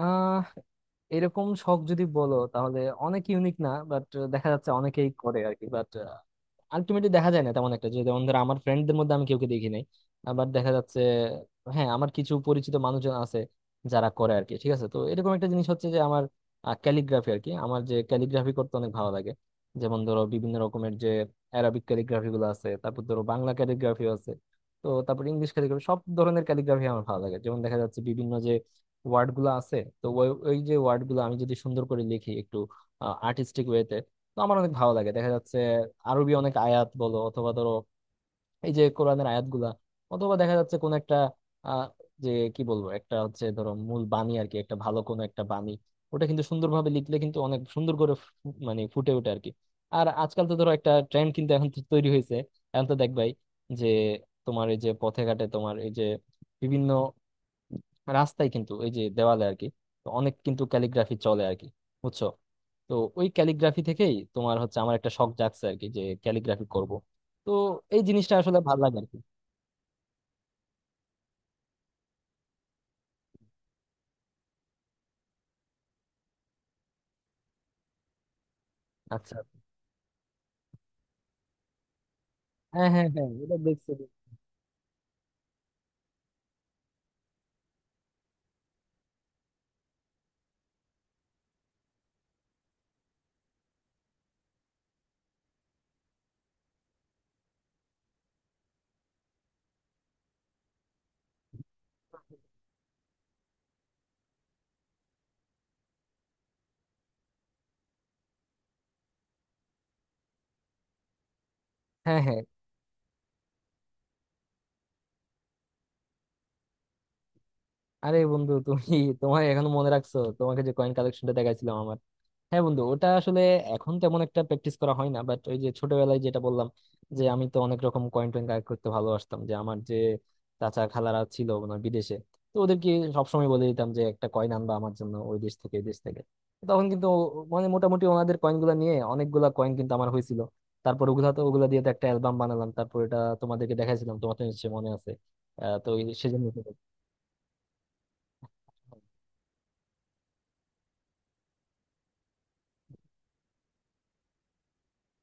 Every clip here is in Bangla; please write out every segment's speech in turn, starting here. আহ এরকম শখ যদি বলো তাহলে অনেক ইউনিক না, বাট দেখা যাচ্ছে অনেকেই করে আর কি। বাট আলটিমেটলি দেখা যায় না তেমন একটা, যে যেমন ধরো আমার ফ্রেন্ডদের মধ্যে আমি কেউকে দেখি নাই। আবার দেখা যাচ্ছে হ্যাঁ, আমার কিছু পরিচিত মানুষজন আছে যারা করে আর কি। ঠিক আছে, তো এরকম একটা জিনিস হচ্ছে যে আমার ক্যালিগ্রাফি আর কি, আমার যে ক্যালিগ্রাফি করতে অনেক ভালো লাগে। যেমন ধরো বিভিন্ন রকমের যে অ্যারাবিক ক্যালিগ্রাফি গুলো আছে, তারপর ধরো বাংলা ক্যালিগ্রাফি আছে, তো তারপর ইংলিশ ক্যালিগ্রাফি, সব ধরনের ক্যালিগ্রাফি আমার ভালো লাগে। যেমন দেখা যাচ্ছে বিভিন্ন ওয়ার্ড গুলো আছে, তো ওই ওই যে ওয়ার্ড গুলো আমি যদি সুন্দর করে লিখি একটু আর্টিস্টিক ওয়েতে, তো আমার অনেক ভালো লাগে। দেখা যাচ্ছে আরবি অনেক আয়াত বলো অথবা ধরো এই যে কোরআনের আয়াত গুলা, অথবা দেখা যাচ্ছে কোন একটা আহ, যে কি বলবো, একটা হচ্ছে ধরো মূল বাণী আর কি, একটা ভালো কোনো একটা বাণী, ওটা কিন্তু সুন্দরভাবে লিখলে কিন্তু অনেক সুন্দর করে মানে ফুটে ওঠে আর কি। আর আজকাল তো ধরো একটা ট্রেন্ড কিন্তু এখন তো তৈরি হয়েছে, এখন তো দেখবাই যে তোমার এই যে পথে ঘাটে, তোমার এই যে বিভিন্ন রাস্তায় কিন্তু এই যে দেওয়ালে আর কি, তো অনেক কিন্তু ক্যালিগ্রাফি চলে আর কি, বুঝছো? তো ওই ক্যালিগ্রাফি থেকেই তোমার হচ্ছে আমার একটা শখ জাগছে আর কি, যে ক্যালিগ্রাফি করব। তো এই জিনিসটা আসলে ভালো লাগে আর কি। আচ্ছা। হ্যাঁ হ্যাঁ হ্যাঁ, এটা দেখছি। হ্যাঁ হ্যাঁ। আরে বন্ধু, তুমি তোমার এখনো মনে রাখছো তোমাকে যে কয়েন কালেকশনটা দেখাইছিলাম। হ্যাঁ বন্ধু, ওটা আসলে এখন তেমন একটা প্র্যাকটিস করা হয় না, বাট ওই যে ছোটবেলায় যেটা বললাম, যে আমি তো অনেক রকম কয়েন টয়েন কালেক্ট করতে ভালোবাসতাম। যে আমার যে চাচা খালারা ছিল ওনার বিদেশে, তো ওদেরকে সবসময় বলে দিতাম যে একটা কয়েন আনবা আমার জন্য ওই দেশ থেকে, এই দেশ থেকে। তখন কিন্তু মানে মোটামুটি ওনাদের কয়েনগুলো নিয়ে অনেকগুলা কয়েন কিন্তু আমার হয়েছিল। তারপর ওগুলা তো ওগুলা দিয়ে তো একটা অ্যালবাম বানালাম, তারপর এটা তোমাদেরকে দেখাইছিলাম, তোমার তো নিশ্চয়ই মনে আছে। তো সেজন্য।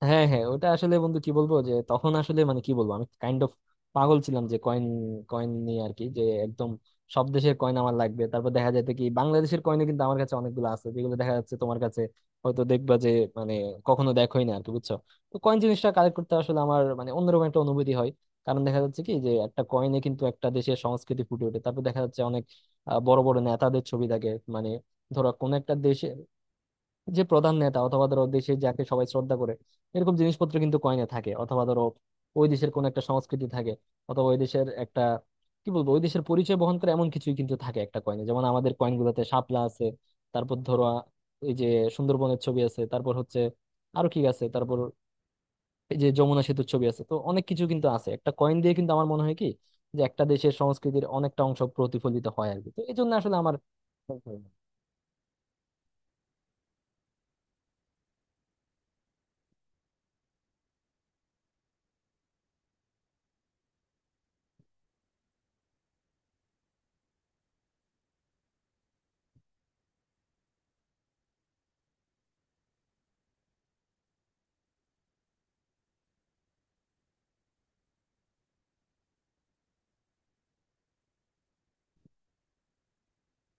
হ্যাঁ হ্যাঁ, ওটা আসলে বন্ধু কি বলবো, যে তখন আসলে মানে কি বলবো, আমি কাইন্ড অফ পাগল ছিলাম যে কয়েন কয়েন নিয়ে আর কি, যে একদম সব দেশের কয়েন আমার লাগবে। তারপর দেখা যেত কি বাংলাদেশের কয়েনও কিন্তু আমার কাছে অনেকগুলো আছে যেগুলো দেখা যাচ্ছে তোমার কাছে হয়তো দেখবা যে মানে কখনো দেখোই না আর কি, বুঝছো? তো কয়েন জিনিসটা কালেক্ট করতে আসলে আমার মানে অন্যরকম একটা অনুভূতি হয়। কারণ দেখা যাচ্ছে কি, যে একটা কয়েনে কিন্তু একটা দেশের সংস্কৃতি ফুটে ওঠে। তারপর দেখা যাচ্ছে অনেক বড় বড় নেতাদের ছবি থাকে। মানে ধরো কোন একটা দেশে যে প্রধান নেতা, অথবা ধরো দেশে যাকে সবাই শ্রদ্ধা করে, এরকম জিনিসপত্র কিন্তু কয়েনে থাকে। অথবা ধরো ওই দেশের কোন একটা সংস্কৃতি থাকে, অথবা ওই দেশের একটা কি বলবো, ওই দেশের পরিচয় বহন করে এমন কিছুই কিন্তু থাকে একটা কয়েনে। যেমন আমাদের কয়েন গুলোতে শাপলা আছে, তারপর ধরো এই যে সুন্দরবনের ছবি আছে, তারপর হচ্ছে আরো কি আছে, তারপর এই যে যমুনা সেতুর ছবি আছে। তো অনেক কিছু কিন্তু আছে একটা কয়েন দিয়ে। কিন্তু আমার মনে হয় কি, যে একটা দেশের সংস্কৃতির অনেকটা অংশ প্রতিফলিত হয় আর কি, তো এই জন্য আসলে আমার।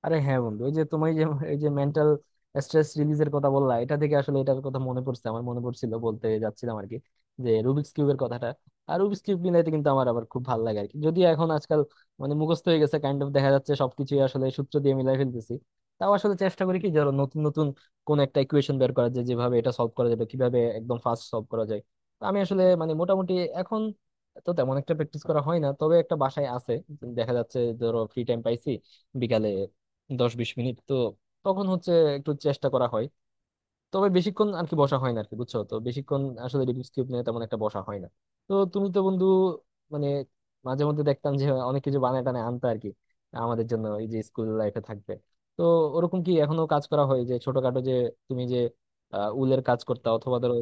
আরে হ্যাঁ বন্ধু, ওই যে তুমি যে এই যে মেন্টাল স্ট্রেস রিলিজের কথা বললা, এটা থেকে আসলে এটার কথা মনে পড়ছে, আমার মনে পড়ছিল বলতে যাচ্ছিলাম আর কি, যে রুবিক্স কিউবের কথাটা। আর রুবিক্স কিউব মিলাইতে কিন্তু আমার আবার খুব ভালো লাগে আর কি, যদিও এখন আজকাল মানে মুখস্থ হয়ে গেছে কাইন্ড অফ। দেখা যাচ্ছে সবকিছুই আসলে সূত্র দিয়ে মিলাই ফেলতেছি। তাও আসলে চেষ্টা করি কি ধরো, নতুন নতুন কোন একটা ইকুয়েশন বের করা যায় যেভাবে এটা সলভ করা যাবে, কিভাবে একদম ফাস্ট সলভ করা যায়। তো আমি আসলে মানে মোটামুটি এখন তো তেমন একটা প্র্যাকটিস করা হয় না, তবে একটা বাসায় আছে। দেখা যাচ্ছে ধরো ফ্রি টাইম পাইছি বিকালে, 10-20 মিনিট, তো তখন হচ্ছে একটু চেষ্টা করা হয়। তবে বেশিক্ষণ আর কি বসা হয় না আর কি, বুঝছো? তো বেশিক্ষণ আসলে রিডিউস কিউব নিয়ে তেমন একটা বসা হয় না। তো তুমি তো বন্ধু, মানে মাঝে মধ্যে দেখতাম যে অনেক কিছু বানায় টানায় আনতে আর কি, আমাদের জন্য এই যে স্কুল লাইফে থাকবে। তো ওরকম কি এখনো কাজ করা হয়, যে ছোটখাটো যে তুমি যে উলের কাজ করতা, অথবা ধরো?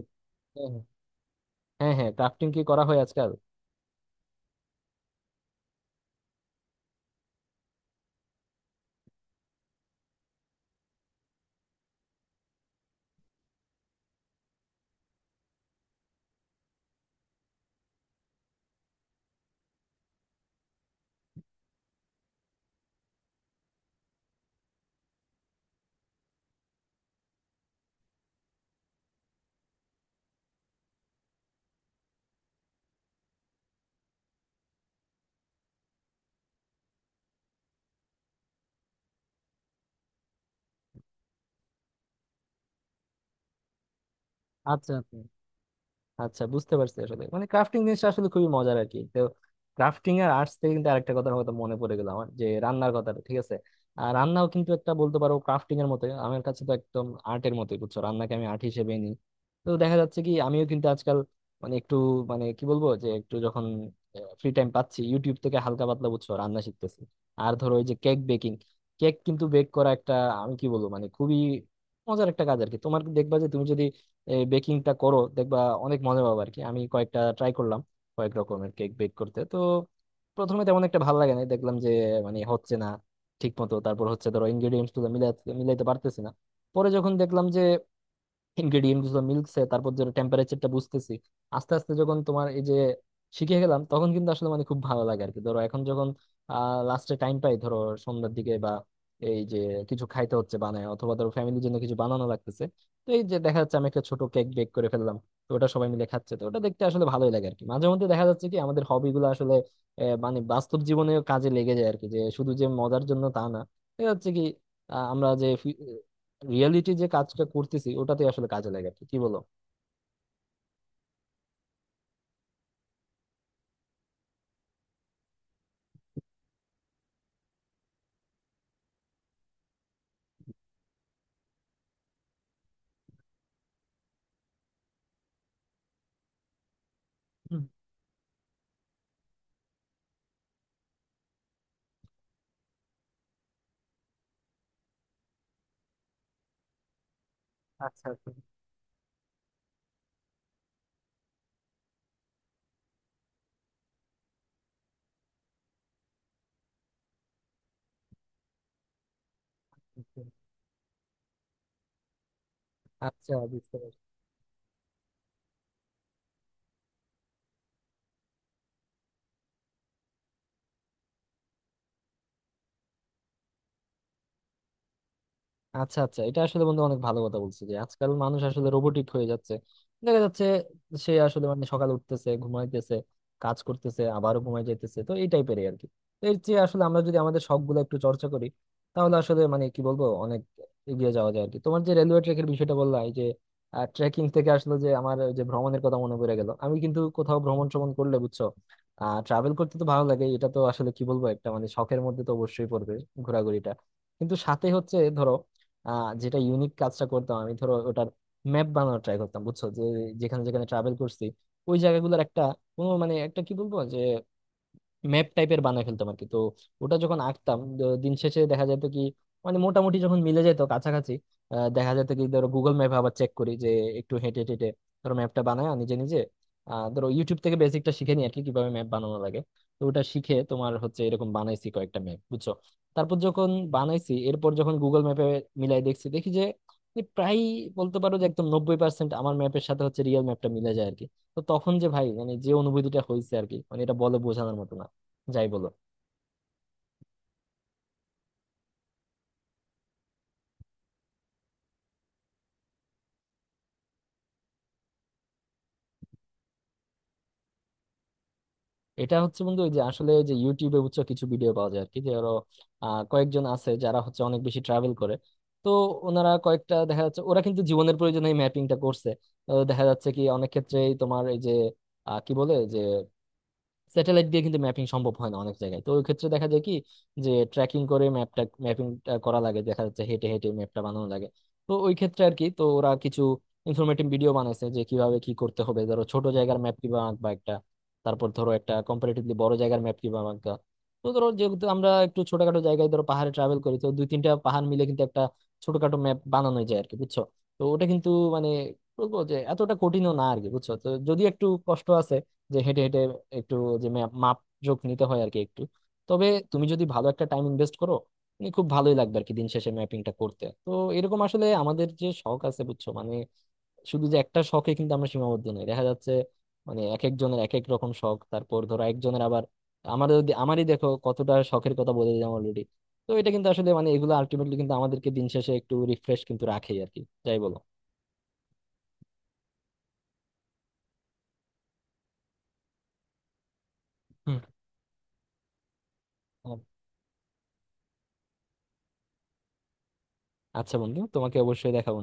হ্যাঁ হ্যাঁ, ক্রাফটিং কি করা হয় আজকাল? আচ্ছা আচ্ছা। আচ্ছা বুঝতে পারছি, আসলে মানে ক্রাফটিং জিনিসটা আসলে খুবই মজার আর কি। তো ক্রাফটিং আর আর্টস থেকে কিন্তু আরেকটা কথা হয়তো মনে পড়ে গেল আমার, যে রান্নার কথাটা। ঠিক আছে, আর রান্নাও কিন্তু একটা বলতে পারো ক্রাফটিং এর মতো, আমার কাছে তো একদম আর্টের মতোই, বুঝছো? রান্নাকে আমি আর্ট হিসেবে নিই। তো দেখা যাচ্ছে কি আমিও কিন্তু আজকাল মানে একটু মানে কি বলবো, যে একটু যখন ফ্রি টাইম পাচ্ছি, ইউটিউব থেকে হালকা পাতলা বুঝছো রান্না শিখতেছি। আর ধরো ওই যে কেক বেকিং, কেক কিন্তু বেক করা একটা, আমি কি বলবো মানে খুবই মজার একটা কাজ আর কি। তোমার দেখবা যে তুমি যদি এই বেকিংটা করো, দেখবা অনেক মজা পাবো আর কি। আমি কয়েকটা ট্রাই করলাম কয়েক রকমের কেক বেক করতে। তো প্রথমে তেমন একটা ভালো লাগে না, দেখলাম যে মানে হচ্ছে না ঠিক মতো। তারপর হচ্ছে ধরো ইনগ্রেডিয়েন্টস গুলো মিলাতে মিলাইতে পারতেছি না। পরে যখন দেখলাম যে ইনগ্রেডিয়েন্ট গুলো মিলছে, তারপর যে টেম্পারেচারটা বুঝতেছি আস্তে আস্তে, যখন তোমার এই যে শিখে গেলাম, তখন কিন্তু আসলে মানে খুব ভালো লাগে আর কি। ধরো এখন যখন লাস্টে টাইম পাই, ধরো সন্ধ্যার দিকে বা এই যে কিছু খাইতে হচ্ছে বানায়, অথবা ধরো ফ্যামিলির জন্য কিছু বানানো লাগতেছে, তো এই যে দেখা যাচ্ছে আমি একটা ছোট কেক বেক করে ফেললাম, তো ওটা সবাই মিলে খাচ্ছে, তো ওটা দেখতে আসলে ভালোই লাগে আর কি। মাঝে মধ্যে দেখা যাচ্ছে কি আমাদের হবি গুলো আসলে মানে বাস্তব জীবনেও কাজে লেগে যায় আর কি, যে শুধু যে মজার জন্য তা না। দেখা যাচ্ছে কি আমরা যে রিয়েলিটি যে কাজটা করতেছি, ওটাতে আসলে কাজে লাগে আর কি, কি বলো? হুম। আচ্ছা, আচ্ছা, বুঝতে পেরেছি। আচ্ছা বুঝতে পারলাম। আচ্ছা আচ্ছা, এটা আসলে বন্ধু অনেক ভালো কথা বলছে, যে আজকাল মানুষ আসলে রোবোটিক হয়ে যাচ্ছে। দেখা যাচ্ছে সে আসলে মানে সকালে উঠতেছে, ঘুমাইতেছে, কাজ করতেছে, আবারও ঘুমাই যাইতেছে, তো এই টাইপের আর কি। তো এর চেয়ে আসলে আমরা যদি আমাদের শখ গুলো একটু চর্চা করি, তাহলে আসলে মানে কি বলবো অনেক এগিয়ে যাওয়া যায় আর কি। তোমার যে রেলওয়ে ট্র্যাকের বিষয়টা বললা, এই যে ট্রেকিং থেকে আসলে যে আমার ওই যে ভ্রমণের কথা মনে পড়ে গেল। আমি কিন্তু কোথাও ভ্রমণ শ্রমণ করলে বুঝছো, ট্রাভেল করতে তো ভালো লাগে, এটা তো আসলে কি বলবো একটা মানে শখের মধ্যে তো অবশ্যই পড়বে, ঘোরাঘুরিটা। কিন্তু সাথে হচ্ছে ধরো যেটা ইউনিক কাজটা করতাম আমি, ধরো ওটার ম্যাপ বানানোর ট্রাই করতাম, বুঝছো? যে যেখানে যেখানে ট্রাভেল করছি, ওই জায়গাগুলোর একটা কোনো মানে একটা কি বলবো যে ম্যাপ টাইপের বানায় ফেলতাম আর কি। তো ওটা যখন আঁকতাম, দিন শেষে দেখা যেত কি মানে মোটামুটি যখন মিলে যেত কাছাকাছি। দেখা যেত কি ধরো গুগল ম্যাপে আবার চেক করি, যে একটু হেঁটে হেঁটে ধরো ম্যাপটা বানায় নিজে নিজে। ধরো ইউটিউব থেকে বেসিকটা শিখে নিই আর কি, কিভাবে ম্যাপ বানানো লাগে। তো ওটা শিখে তোমার হচ্ছে এরকম বানাইছি কয়েকটা ম্যাপ, বুঝছো? তারপর যখন বানাইছি, এরপর যখন গুগল ম্যাপে মিলাই দেখছি, দেখি যে প্রায় বলতে পারো যে একদম 90% আমার ম্যাপের সাথে হচ্ছে রিয়েল ম্যাপটা মিলে যায় আর কি। তো তখন যে ভাই মানে যে অনুভূতিটা হয়েছে আর কি, মানে এটা বলে বোঝানোর মতো না। যাই বলো। এটা হচ্ছে বন্ধু ওই যে আসলে ওই যে ইউটিউবে বুঝছো কিছু ভিডিও পাওয়া যায় আর কি, যে আরো কয়েকজন আছে যারা হচ্ছে অনেক বেশি ট্রাভেল করে। তো ওনারা কয়েকটা দেখা যাচ্ছে ওরা কিন্তু জীবনের প্রয়োজনে এই ম্যাপিংটা করছে। তো দেখা যাচ্ছে কি অনেক ক্ষেত্রেই তোমার এই যে কি বলে যে স্যাটেলাইট দিয়ে কিন্তু ম্যাপিং সম্ভব হয় না অনেক জায়গায়। তো ওই ক্ষেত্রে দেখা যায় কি যে ট্র্যাকিং করে ম্যাপটা ম্যাপিংটা করা লাগে, দেখা যাচ্ছে হেঁটে হেঁটে ম্যাপটা বানানো লাগে। তো ওই ক্ষেত্রে আর কি, তো ওরা কিছু ইনফরমেটিভ ভিডিও বানাইছে যে কিভাবে কি করতে হবে, ধরো ছোট জায়গার ম্যাপ কিভাবে আঁকবা একটা, তারপর ধরো একটা কম্পারেটিভলি বড় জায়গার ম্যাপ কিভাবে আঁকবা। তো ধরো যেহেতু আমরা একটু ছোটখাটো জায়গায় ধরো পাহাড়ে ট্রাভেল করি, তো দুই তিনটা পাহাড় মিলে কিন্তু একটা ছোটখাটো ম্যাপ বানানো যায় আর কি, বুঝছো? তো ওটা কিন্তু মানে বলবো যে এতটা কঠিনও না আর কি, বুঝছো? তো যদি একটু কষ্ট আছে, যে হেঁটে হেঁটে একটু যে মাপ যোগ নিতে হয় আর কি একটু। তবে তুমি যদি ভালো একটা টাইম ইনভেস্ট করো, তুমি খুব ভালোই লাগবে আর কি দিন শেষে ম্যাপিংটা করতে। তো এরকম আসলে আমাদের যে শখ আছে বুঝছো, মানে শুধু যে একটা শখে কিন্তু আমরা সীমাবদ্ধ নই। দেখা যাচ্ছে মানে এক একজনের এক এক রকম শখ। তারপর ধরো একজনের আবার আমাদের, আমারই দেখো কতটা শখের কথা বলে দিলাম অলরেডি। তো এটা কিন্তু আসলে মানে এগুলো আলটিমেটলি কিন্তু আমাদেরকে দিন শেষে একটু রিফ্রেশ কিন্তু রাখে আর কি, যাই বলো। হুম। আচ্ছা বন্ধু, তোমাকে অবশ্যই দেখাবো।